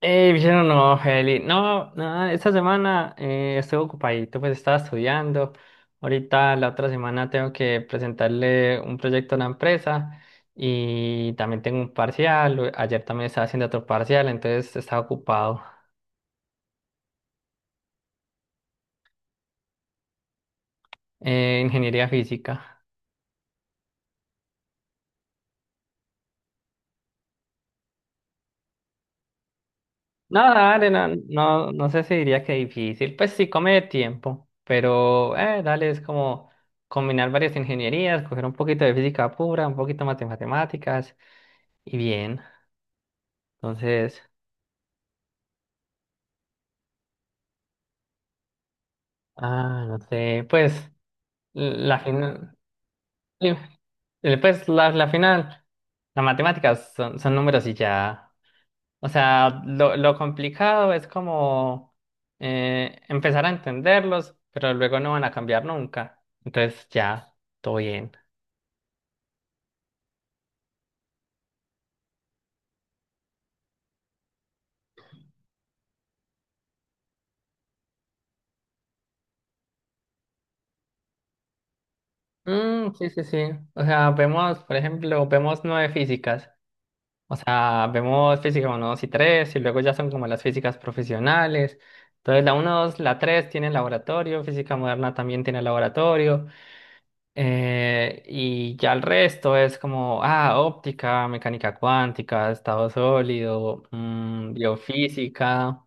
Vicente, no, Heli. No, nada, esta semana estuve ocupadito, pues estaba estudiando. Ahorita la otra semana tengo que presentarle un proyecto a una empresa y también tengo un parcial. Ayer también estaba haciendo otro parcial, entonces estaba ocupado. Ingeniería física. No, dale, no, no, no sé si diría que difícil. Pues sí, come de tiempo, pero dale, es como combinar varias ingenierías, coger un poquito de física pura, un poquito más de matemáticas y bien. Entonces, ah, no sé, pues la final, pues la final, las matemáticas son, son números y ya. O sea, lo complicado es como empezar a entenderlos, pero luego no van a cambiar nunca. Entonces ya, todo bien. Mm, sí, sí, sí. O sea, vemos, por ejemplo, vemos 9 físicas. O sea, vemos física uno 2 y 3 y luego ya son como las físicas profesionales. Entonces, la uno 2 la 3 tiene laboratorio, física moderna también tiene laboratorio, y ya el resto es como, ah, óptica, mecánica cuántica, estado sólido, mm, biofísica.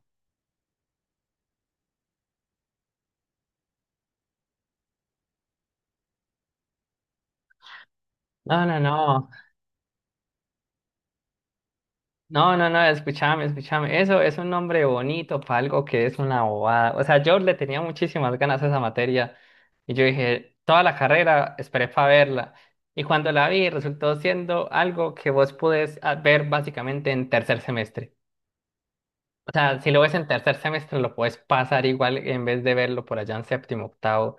No, no, no. No, no, no, escúchame, escúchame. Eso es un nombre bonito para algo que es una bobada. O sea, yo le tenía muchísimas ganas a esa materia y yo dije, toda la carrera esperé para verla. Y cuando la vi, resultó siendo algo que vos podés ah, ver básicamente en tercer semestre. O sea, si lo ves en tercer semestre, lo puedes pasar igual en vez de verlo por allá en séptimo, octavo.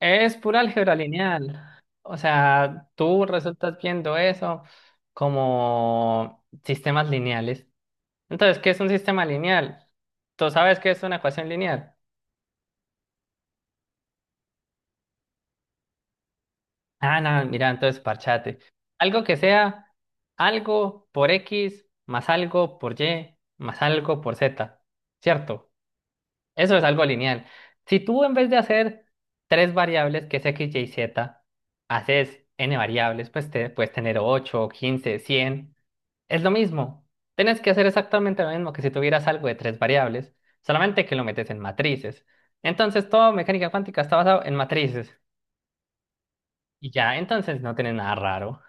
Es pura álgebra lineal. O sea, tú resultas viendo eso como sistemas lineales. Entonces, ¿qué es un sistema lineal? ¿Tú sabes qué es una ecuación lineal? Ah, no, mira, entonces parchate. Algo que sea algo por X más algo por Y más algo por Z, ¿cierto? Eso es algo lineal. Si tú en vez de hacer tres variables, que es X, Y, Z, haces n variables, pues te puedes tener 8, 15, 100. Es lo mismo. Tienes que hacer exactamente lo mismo que si tuvieras algo de tres variables, solamente que lo metes en matrices. Entonces, toda mecánica cuántica está basado en matrices. Y ya, entonces no tiene nada raro.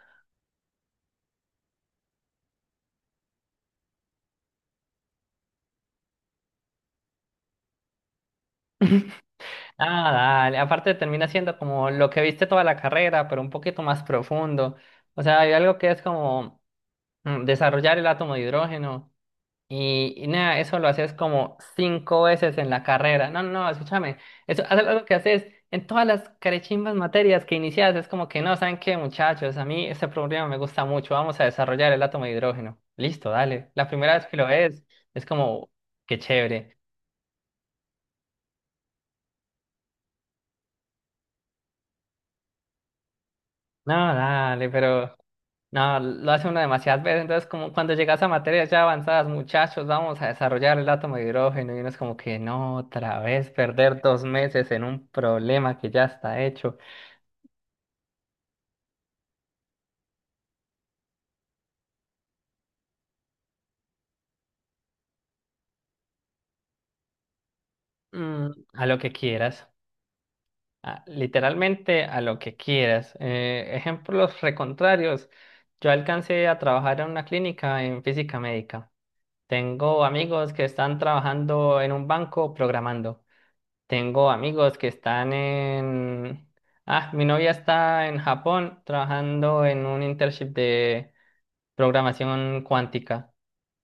Ah, dale. Aparte termina siendo como lo que viste toda la carrera, pero un poquito más profundo. O sea, hay algo que es como mm, desarrollar el átomo de hidrógeno. Y nada, eso lo haces como 5 veces en la carrera. No, no, no, escúchame. Eso es algo que haces en todas las carechimbas materias que inicias. Es como que no, ¿saben qué, muchachos? A mí este problema me gusta mucho. Vamos a desarrollar el átomo de hidrógeno. Listo, dale. La primera vez que lo ves, es como, qué chévere. No, dale, pero no, lo hace uno demasiadas veces, entonces como cuando llegas a materias ya avanzadas, muchachos, vamos a desarrollar el átomo de hidrógeno y uno es como que no, otra vez perder 2 meses en un problema que ya está hecho. Mm, a lo que quieras, literalmente a lo que quieras. Ejemplos recontrarios, yo alcancé a trabajar en una clínica en física médica. Tengo amigos que están trabajando en un banco programando. Tengo amigos que están en... Ah, mi novia está en Japón trabajando en un internship de programación cuántica.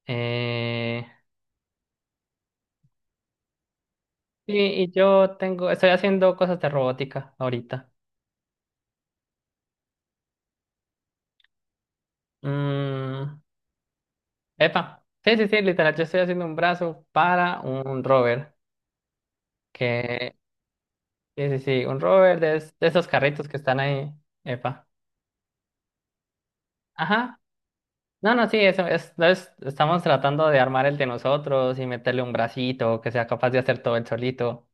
Eh, y yo tengo, estoy haciendo cosas de robótica ahorita. Mm, epa, sí, sí, sí, literal, yo estoy haciendo un brazo para un rover. Que, sí, sí, sí, un rover de, de esos carritos que están ahí. Epa. Ajá. No, no, sí, eso es, estamos tratando de armar el de nosotros y meterle un bracito que sea capaz de hacer todo el solito.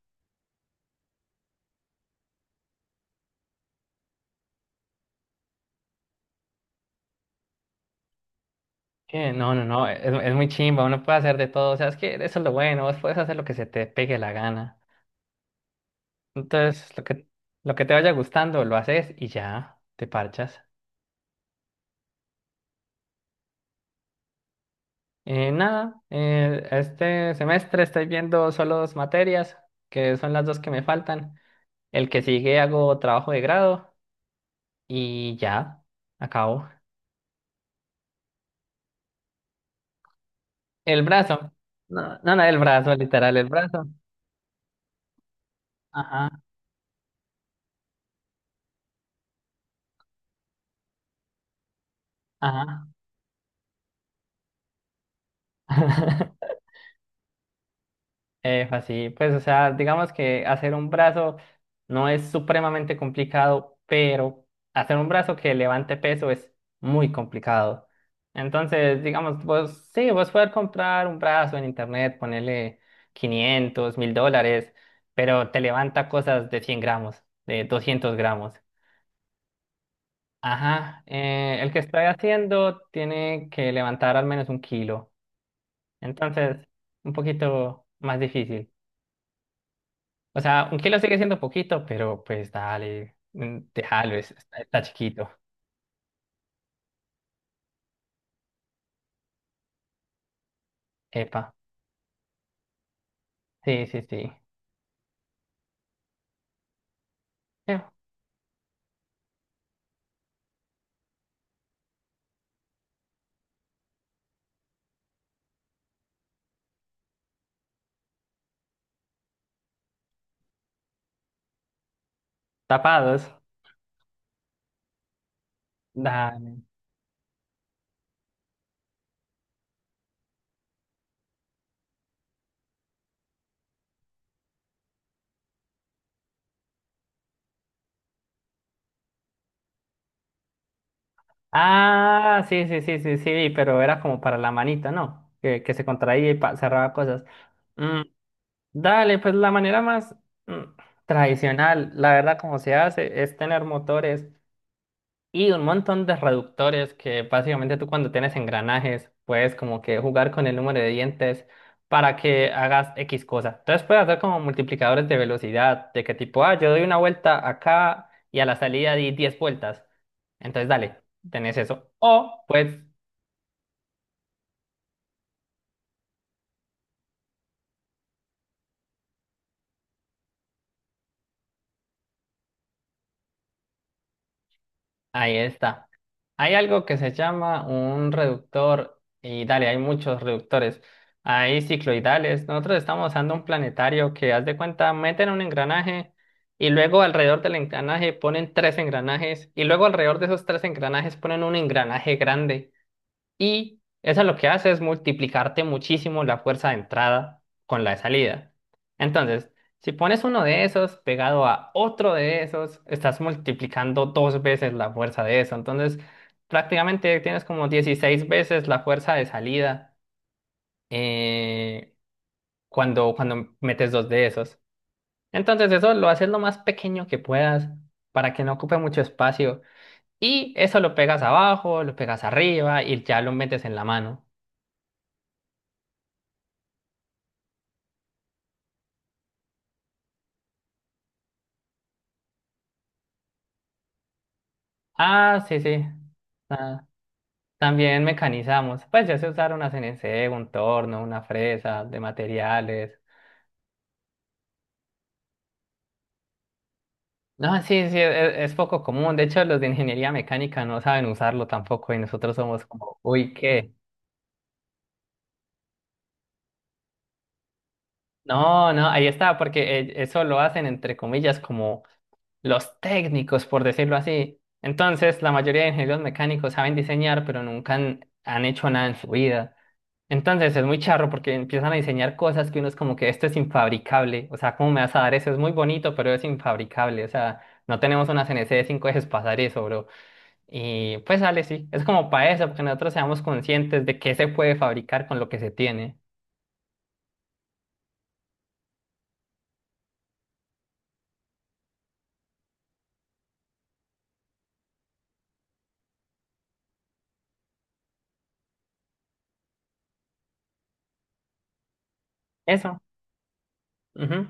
No, no, no, es muy chimba, uno puede hacer de todo, o sea, es que eso es lo bueno, vos puedes hacer lo que se te pegue la gana. Entonces, lo que te vaya gustando, lo haces y ya, te parchas. Nada, este semestre estoy viendo solo 2 materias, que son las dos que me faltan. El que sigue hago trabajo de grado y ya, acabo. El brazo. No, no, no, el brazo, literal, el brazo. Ajá, ajá. Efa, sí, pues, o sea, digamos que hacer un brazo no es supremamente complicado, pero hacer un brazo que levante peso es muy complicado. Entonces, digamos, vos, sí, vos puedes comprar un brazo en internet, ponerle 500.000 dólares, pero te levanta cosas de 100 gramos, de 200 gramos. Ajá, el que estoy haciendo tiene que levantar al menos 1 kilo. Entonces, un poquito más difícil. O sea, 1 kilo sigue siendo poquito, pero pues dale, mm, déjalo, está, está chiquito. Epa, sí, sí, sí. Eh, tapados. Dale. Ah, sí, sí, sí, sí, sí, pero era como para la manita, ¿no? Que se contraía y cerraba cosas. Mm, dale, pues la manera más mm, tradicional, la verdad, como se hace, es tener motores. Y un montón de reductores que básicamente tú cuando tienes engranajes puedes como que jugar con el número de dientes para que hagas X cosa. Entonces puedes hacer como multiplicadores de velocidad, de que tipo, ah, yo doy una vuelta acá y a la salida di 10 vueltas. Entonces dale, tenés eso. O puedes ahí está. Hay algo que se llama un reductor, y dale, hay muchos reductores. Hay cicloidales. Nosotros estamos usando un planetario que, haz de cuenta, meten un engranaje y luego alrededor del engranaje ponen tres engranajes y luego alrededor de esos tres engranajes ponen un engranaje grande. Y eso lo que hace es multiplicarte muchísimo la fuerza de entrada con la de salida. Entonces, si pones uno de esos pegado a otro de esos, estás multiplicando dos veces la fuerza de eso. Entonces, prácticamente tienes como 16 veces la fuerza de salida eh, cuando metes dos de esos. Entonces, eso lo haces lo más pequeño que puedas para que no ocupe mucho espacio. Y eso lo pegas abajo, lo pegas arriba y ya lo metes en la mano. Ah, sí, sí. Ah, también mecanizamos. Pues ya se usaron una CNC, un torno, una fresa de materiales. No, sí, sí, es poco común. De hecho, los de ingeniería mecánica no saben usarlo tampoco y nosotros somos como, uy, ¿qué? No, no, ahí está, porque eso lo hacen entre comillas como los técnicos, por decirlo así. Entonces, la mayoría de ingenieros mecánicos saben diseñar, pero nunca han hecho nada en su vida. Entonces es muy charro porque empiezan a diseñar cosas que uno es como que esto es infabricable. O sea, ¿cómo me vas a dar eso? Es muy bonito, pero es infabricable. O sea, no tenemos una CNC de 5 ejes para hacer eso, bro. Y pues sale, sí. Es como para eso, porque nosotros seamos conscientes de qué se puede fabricar con lo que se tiene. Eso. Ujú.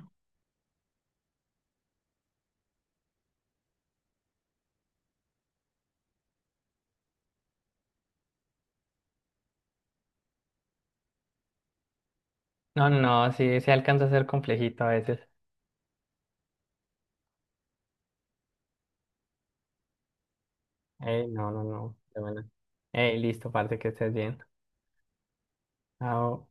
No, no, no, sí, sí alcanza a ser complejito a veces. Ey, no, no, no. De buena. Ey, listo, parte que estés bien. Chao.